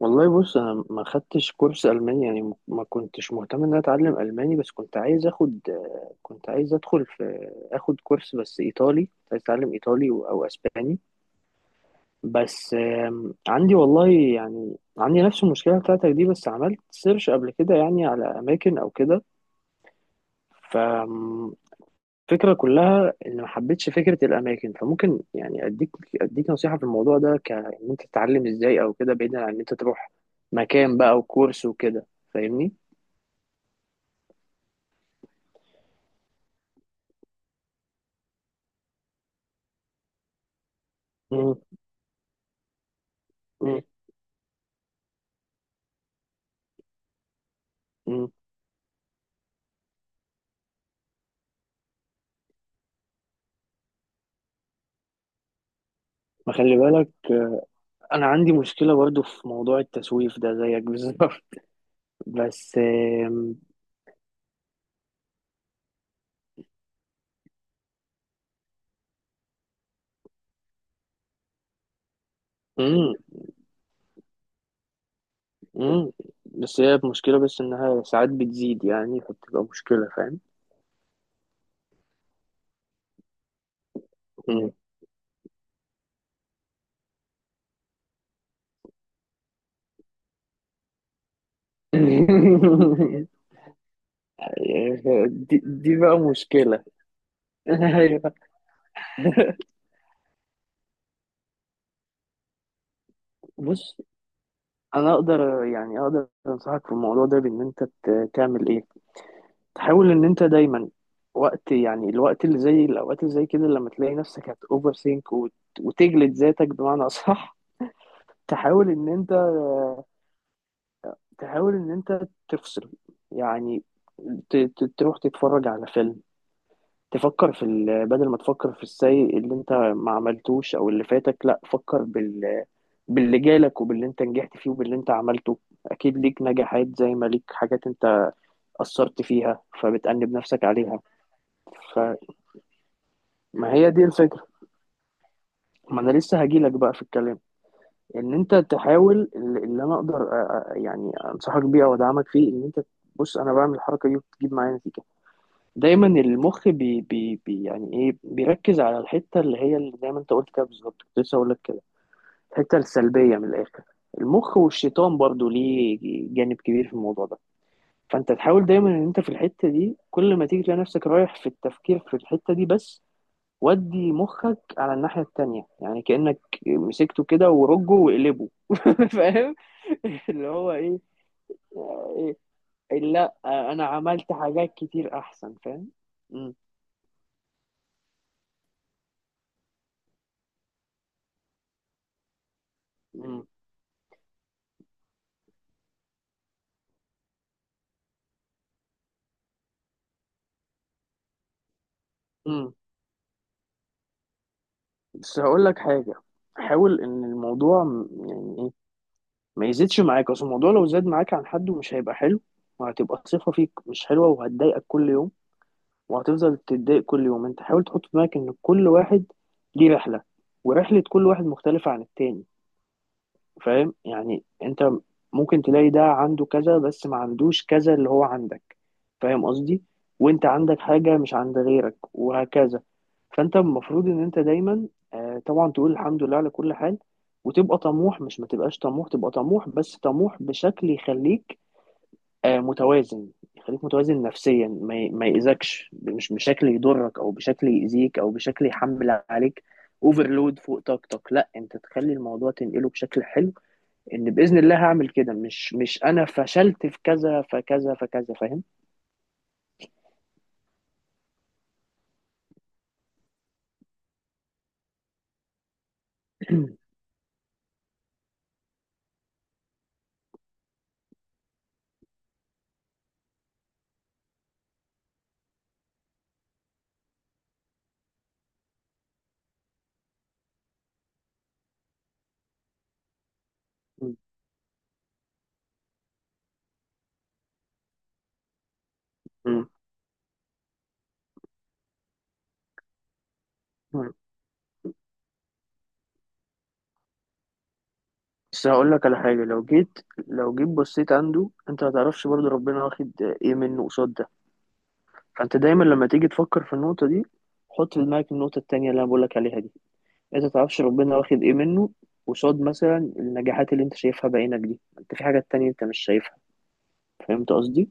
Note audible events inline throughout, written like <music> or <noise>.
والله بص انا ما خدتش كورس الماني يعني ما كنتش مهتم ان أنا اتعلم الماني بس كنت عايز اخد كنت عايز ادخل في اخد كورس بس ايطالي كنت عايز اتعلم ايطالي او اسباني. بس عندي والله، يعني عندي نفس المشكله بتاعتك دي. بس عملت سيرش قبل كده يعني على اماكن او كده. الفكرة كلها إن ما حبيتش فكرة الأماكن، فممكن يعني أديك نصيحة في الموضوع ده، كإن أنت تتعلم إزاي أو كده، بعيدا عن إن أنت تروح مكان بقى وكورس وكده. فاهمني؟ مم. مم. مم. ما خلي بالك. آه، أنا عندي مشكلة برضو في موضوع التسويف ده زيك بالظبط. <laughs> بس آم، مم. مم. بس هي مشكلة، بس إنها ساعات بتزيد يعني، فبتبقى مشكلة، فاهم؟ مم. <laughs> دي بقى مشكلة. <laughs> أيوه. بص انا اقدر يعني اقدر انصحك في الموضوع ده بان انت تعمل ايه. تحاول ان انت دايما وقت، يعني الوقت اللي زي الاوقات اللي زي كده، لما تلاقي نفسك هت اوفر ثينك وتجلد ذاتك بمعنى اصح، تحاول ان انت، تحاول ان انت تفصل يعني، تروح تتفرج على فيلم، تفكر في ال، بدل ما تفكر في السيء اللي انت ما عملتوش او اللي فاتك، لا فكر بال، باللي جالك وباللي انت نجحت فيه وباللي انت عملته. اكيد ليك نجاحات زي ما ليك حاجات انت اثرت فيها فبتأنب نفسك عليها. فما هي دي الفكرة، ما انا لسه هجيلك بقى في الكلام. ان انت تحاول، اللي انا اقدر يعني انصحك بيه او ادعمك فيه ان انت، بص انا بعمل الحركة دي وبتجيب معايا نتيجة. دايما المخ بي يعني ايه، بيركز على الحتة اللي هي اللي زي ما انت قلت كده بالظبط، كنت لسه اقول لك كده. الحتة السلبية من الاخر، المخ والشيطان برضو ليه جانب كبير في الموضوع ده. فانت تحاول دايما ان انت في الحته دي كل ما تيجي تلاقي نفسك رايح في التفكير في الحته دي بس، ودي مخك على الناحيه التانية، يعني كانك مسكته كده ورجه وقلبه. <laughs> فاهم. اللي هو ايه. إيه؟ إيه، لا انا عملت حاجات كتير احسن، فاهم. مم. مم. مم. بس هقول لك حاجه، حاول ان الموضوع يعني ايه، ما يزيدش معاك، اصل الموضوع لو زاد معاك عن حد مش هيبقى حلو، وهتبقى صفه فيك مش حلوه وهتضايقك كل يوم، وهتفضل تتضايق كل يوم. انت حاول تحط في دماغك ان كل واحد ليه رحلة، ورحلة كل واحد مختلفة عن التاني. فاهم؟ يعني انت ممكن تلاقي ده عنده كذا بس ما عندوش كذا اللي هو عندك، فاهم قصدي؟ وانت عندك حاجة مش عند غيرك وهكذا. فانت المفروض ان انت دايما آه، طبعا تقول الحمد لله على كل حال، وتبقى طموح، مش ما تبقاش طموح، تبقى طموح بس طموح بشكل يخليك آه، متوازن، يخليك متوازن نفسيا، ما يأذكش، مش بشكل يضرك او بشكل يأذيك او بشكل يحمل عليك اوفرلود فوق طاقتك. لا انت تخلي الموضوع تنقله بشكل حلو، ان بإذن الله هعمل كده، مش انا فشلت في كذا فكذا فكذا، فاهم. مم. مم. مم. بس هقول لك على حاجة، لو جيت بصيت عنده، انت ما تعرفش برضه ربنا واخد ايه منه قصاد ده. فانت دايما لما تيجي تفكر في النقطة دي، حط في دماغك النقطة التانية اللي انا بقول لك عليها دي، انت متعرفش ربنا واخد ايه منه قصاد مثلا النجاحات اللي انت شايفها بعينك دي، انت في حاجات تانية انت مش شايفها. فهمت قصدي؟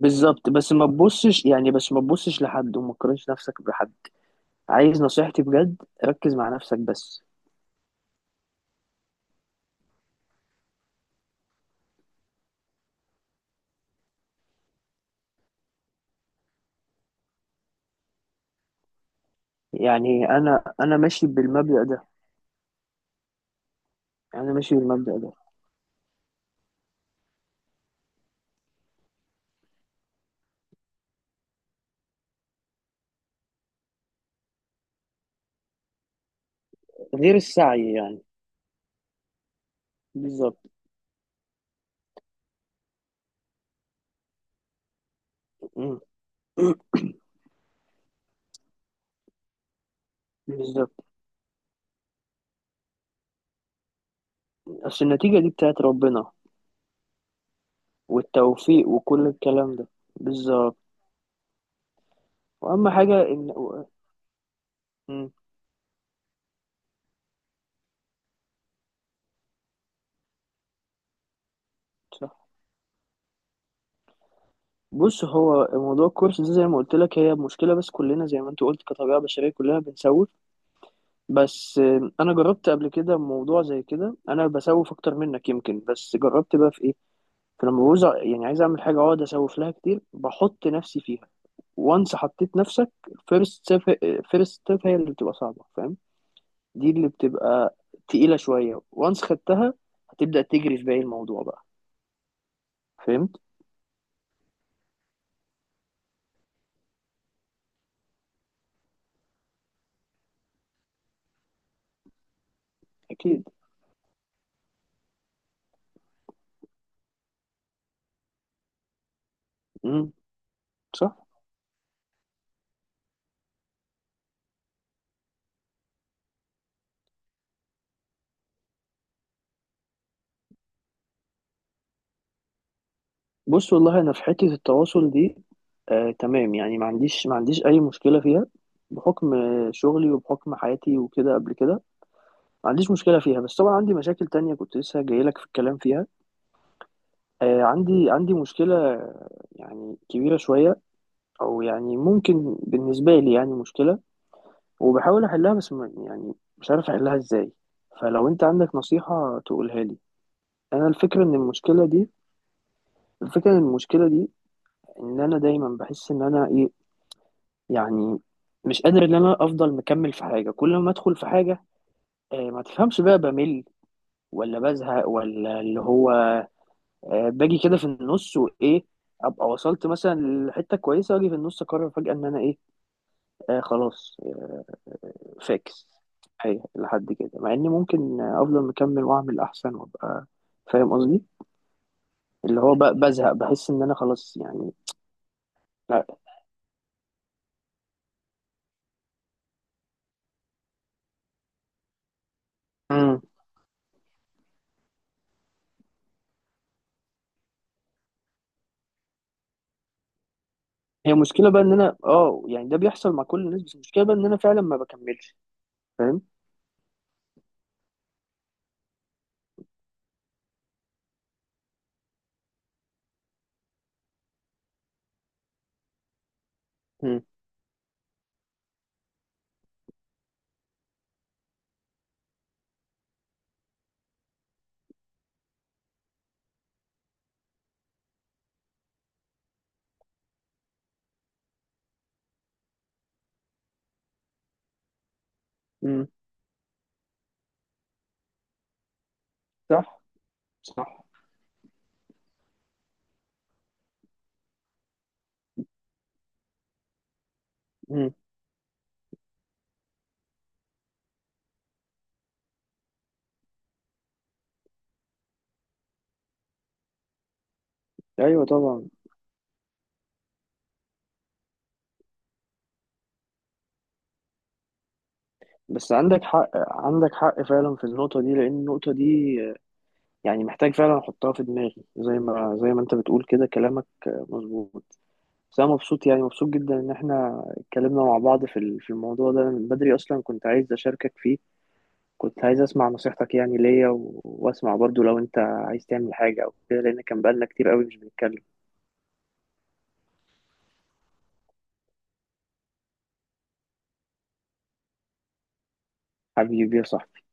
بالظبط. بس ما تبصش يعني، بس ما تبصش لحد وما تقارنش نفسك بحد. عايز نصيحتي بجد، ركز مع نفسك بس. يعني انا ماشي بالمبدأ ده. انا ماشي بالمبدأ ده. غير السعي يعني. بالظبط. مم. <clears throat> بالظبط. اصل النتيجة دي بتاعت ربنا والتوفيق وكل الكلام ده. بالظبط. واهم حاجة ان مم. صح. بص هو موضوع الكورس ده زي ما قلت لك، هي مشكلة بس كلنا زي ما انت قلت كطبيعة بشرية كلنا بنسوف. بس آه، انا جربت قبل كده موضوع زي كده، انا بسوف اكتر منك يمكن، بس جربت بقى في ايه. فلما بعوز يعني عايز اعمل حاجة اقعد اسوف لها كتير، بحط نفسي فيها، وانس حطيت نفسك فيرست ستيب، فيرست ستيب هي اللي بتبقى صعبة، فاهم. دي اللي بتبقى تقيلة شوية، وانس خدتها هتبدأ تجري في باقي الموضوع بقى. فهمت؟ اكيد. امم. صح. بص والله انا في حته التواصل دي آه تمام، يعني ما عنديش اي مشكله فيها، بحكم آه، شغلي وبحكم حياتي وكده قبل كده، ما عنديش مشكله فيها. بس طبعا عندي مشاكل تانية كنت لسه جاي لك في الكلام فيها. آه عندي مشكله آه، يعني كبيره شويه، او يعني ممكن بالنسبه لي يعني مشكله، وبحاول احلها بس يعني مش عارف احلها ازاي. فلو انت عندك نصيحه تقولها لي. انا الفكره ان المشكله دي، الفكره ان المشكله دي ان انا دايما بحس ان انا ايه، يعني مش قادر ان انا افضل مكمل في حاجه. كل ما ادخل في حاجه آه، ما تفهمش بقى بمل ولا بزهق، ولا اللي هو آه، باجي كده في النص وايه، ابقى وصلت مثلا لحته كويسه واجي في النص اقرر فجاه ان انا ايه، آه خلاص آه فاكس. ايوه لحد كده مع اني ممكن آه، افضل مكمل واعمل احسن وابقى، فاهم قصدي؟ اللي هو بزهق، بحس ان انا خلاص يعني. لا. مم. هي مشكله بقى ان انا اه يعني، ده بيحصل مع كل الناس بس المشكله بقى ان انا فعلا ما بكملش، فاهم. مم. صح. صح. مم. ايوه طبعا. بس عندك حق، عندك حق فعلا في النقطة دي، لأن النقطة دي يعني محتاج فعلا أحطها في دماغي، زي ما أنت بتقول كده، كلامك مظبوط. بس أنا مبسوط يعني مبسوط جدا إن إحنا اتكلمنا مع بعض في في الموضوع ده. أنا من بدري أصلا كنت عايز أشاركك فيه، كنت عايز أسمع نصيحتك يعني ليا، و، وأسمع برضو لو أنت عايز تعمل حاجة أو كده، لأن كان بقالنا كتير قوي مش بنتكلم. حبيبي يا صاحبي.